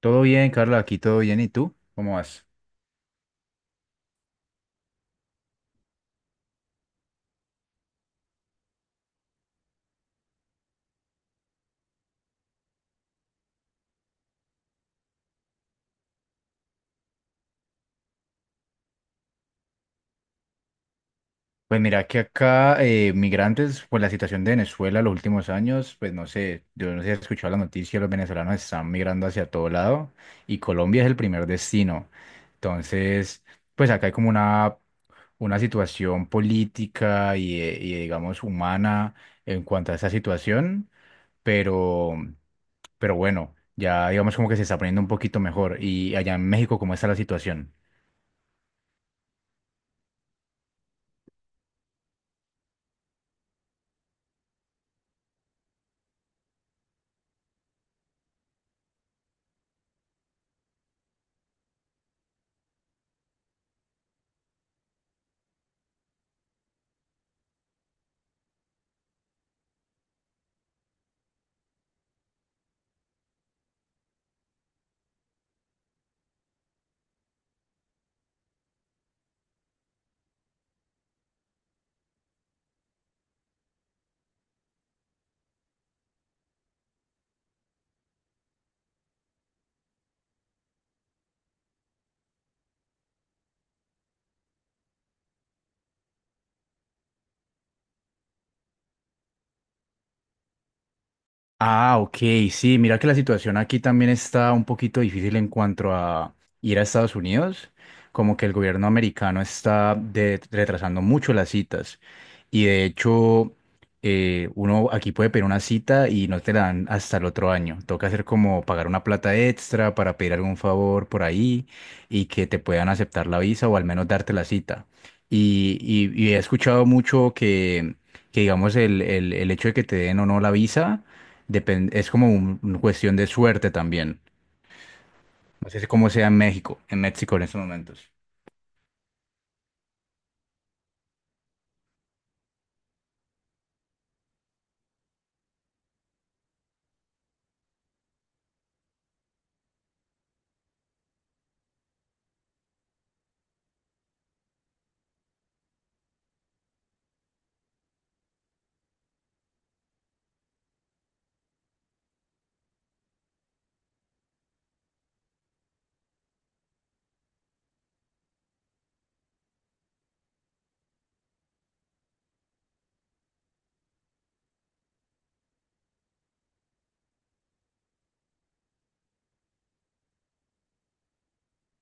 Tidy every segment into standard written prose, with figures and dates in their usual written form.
Todo bien, Carla, aquí todo bien. ¿Y tú? ¿Cómo vas? Pues mira que acá migrantes, pues la situación de Venezuela los últimos años, pues no sé, yo no sé si has escuchado la noticia, los venezolanos están migrando hacia todo lado y Colombia es el primer destino. Entonces, pues acá hay como una situación política y digamos humana en cuanto a esa situación, pero, pero bueno, ya digamos como que se está poniendo un poquito mejor. ¿Y allá en México cómo está la situación? Ah, ok, sí, mira que la situación aquí también está un poquito difícil en cuanto a ir a Estados Unidos, como que el gobierno americano está retrasando mucho las citas y de hecho, uno aquí puede pedir una cita y no te la dan hasta el otro año, toca hacer como pagar una plata extra para pedir algún favor por ahí y que te puedan aceptar la visa o al menos darte la cita. Y he escuchado mucho que digamos el hecho de que te den o no la visa, es como una cuestión de suerte también. No sé si cómo sea en México, en México en estos momentos.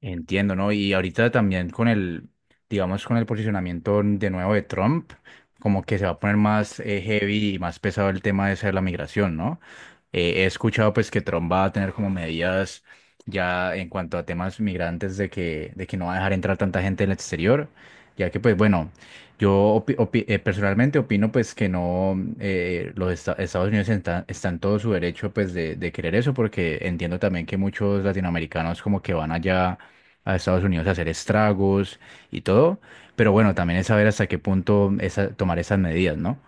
Entiendo, ¿no? Y ahorita también con el, digamos, con el posicionamiento de nuevo de Trump, como que se va a poner más heavy y más pesado el tema ese de la migración, ¿no? He escuchado pues que Trump va a tener como medidas ya en cuanto a temas migrantes de de que no va a dejar entrar tanta gente del exterior, ya que pues bueno, personalmente opino pues que no, Estados Unidos están en todo su derecho pues de querer eso, porque entiendo también que muchos latinoamericanos como que van allá a Estados Unidos a hacer estragos y todo, pero bueno, también es saber hasta qué punto tomar esas medidas, ¿no?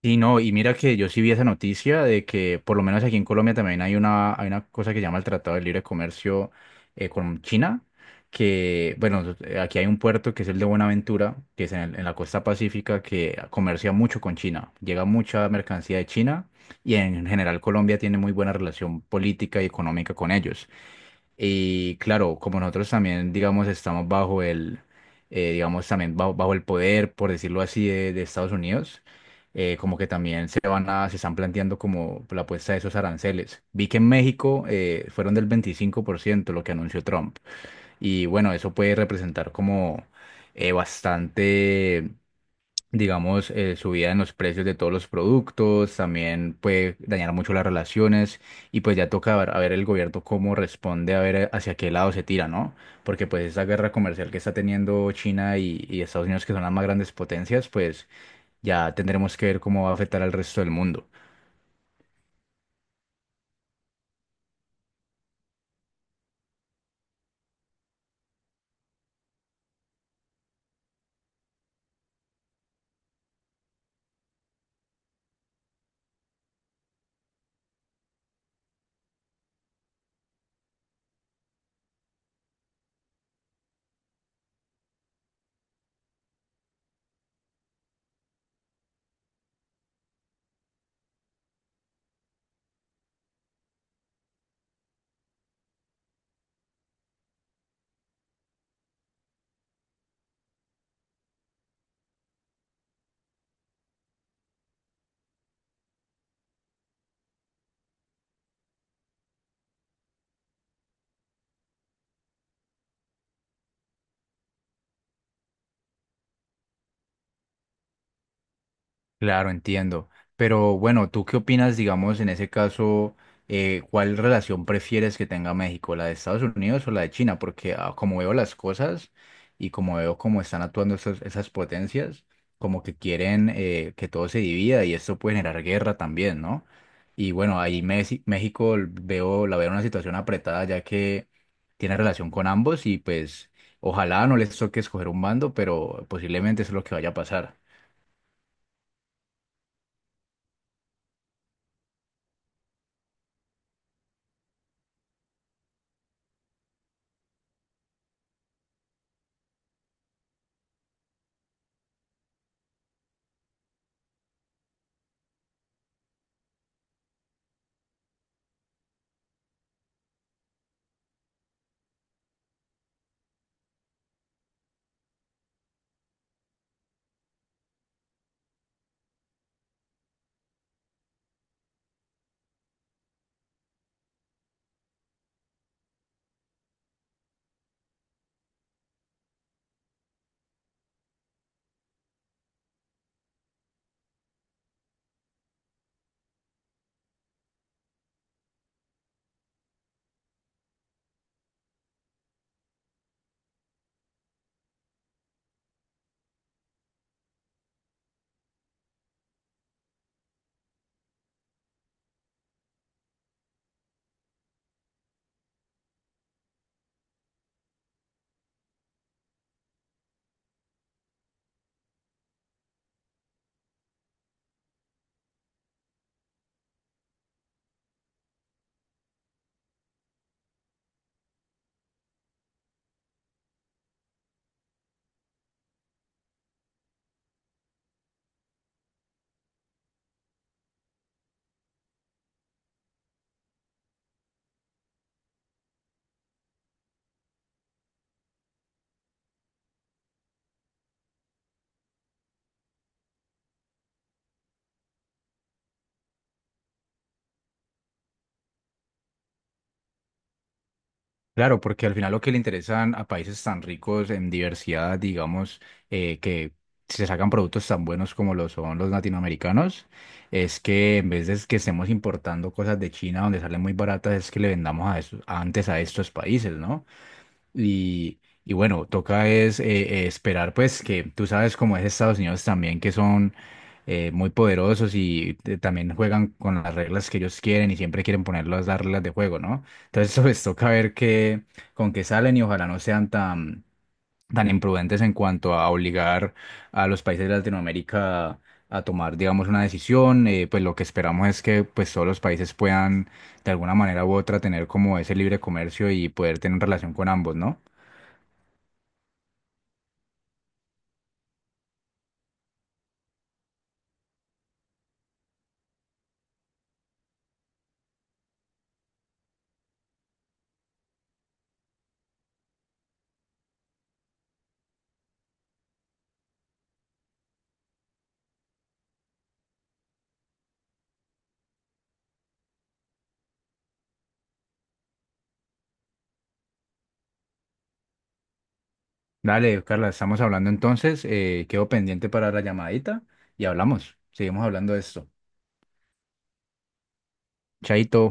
Sí, no, y mira que yo sí vi esa noticia de que por lo menos aquí en Colombia también hay hay una cosa que se llama el Tratado de Libre Comercio con China, que bueno, aquí hay un puerto que es el de Buenaventura, que es en, en la costa pacífica, que comercia mucho con China, llega mucha mercancía de China y en general Colombia tiene muy buena relación política y económica con ellos. Y claro, como nosotros también, digamos, estamos bajo el, digamos, también bajo el poder, por decirlo así, de Estados Unidos, como que también se van se están planteando como la puesta de esos aranceles. Vi que en México fueron del 25% lo que anunció Trump. Y bueno, eso puede representar como bastante digamos, subida en los precios de todos los productos, también puede dañar mucho las relaciones y pues ya toca ver, a ver el gobierno cómo responde, a ver hacia qué lado se tira, ¿no? Porque pues esa guerra comercial que está teniendo China y Estados Unidos, que son las más grandes potencias, pues ya tendremos que ver cómo va a afectar al resto del mundo. Claro, entiendo. Pero bueno, ¿tú qué opinas, digamos, en ese caso, cuál relación prefieres que tenga México, la de Estados Unidos o la de China? Porque ah, como veo las cosas y como veo cómo están actuando esas potencias, como que quieren que todo se divida y esto puede generar guerra también, ¿no? Y bueno, ahí México veo, la veo en una situación apretada ya que tiene relación con ambos y pues ojalá no les toque escoger un bando, pero posiblemente eso es lo que vaya a pasar. Claro, porque al final lo que le interesan a países tan ricos en diversidad, digamos, que se sacan productos tan buenos como lo son los latinoamericanos, es que en vez de que estemos importando cosas de China donde salen muy baratas, es que le vendamos a antes a estos países, ¿no? Y bueno, toca es esperar, pues, que tú sabes cómo es Estados Unidos también, que son muy poderosos y también juegan con las reglas que ellos quieren y siempre quieren ponerlas las reglas de juego, ¿no? Entonces, pues, toca ver con qué salen y ojalá no sean tan, tan imprudentes en cuanto a obligar a los países de Latinoamérica a tomar, digamos, una decisión. Pues, lo que esperamos es que, pues, todos los países puedan, de alguna manera u otra, tener como ese libre comercio y poder tener relación con ambos, ¿no? Dale, Carla, estamos hablando entonces. Quedo pendiente para la llamadita y hablamos. Seguimos hablando de esto. Chaito.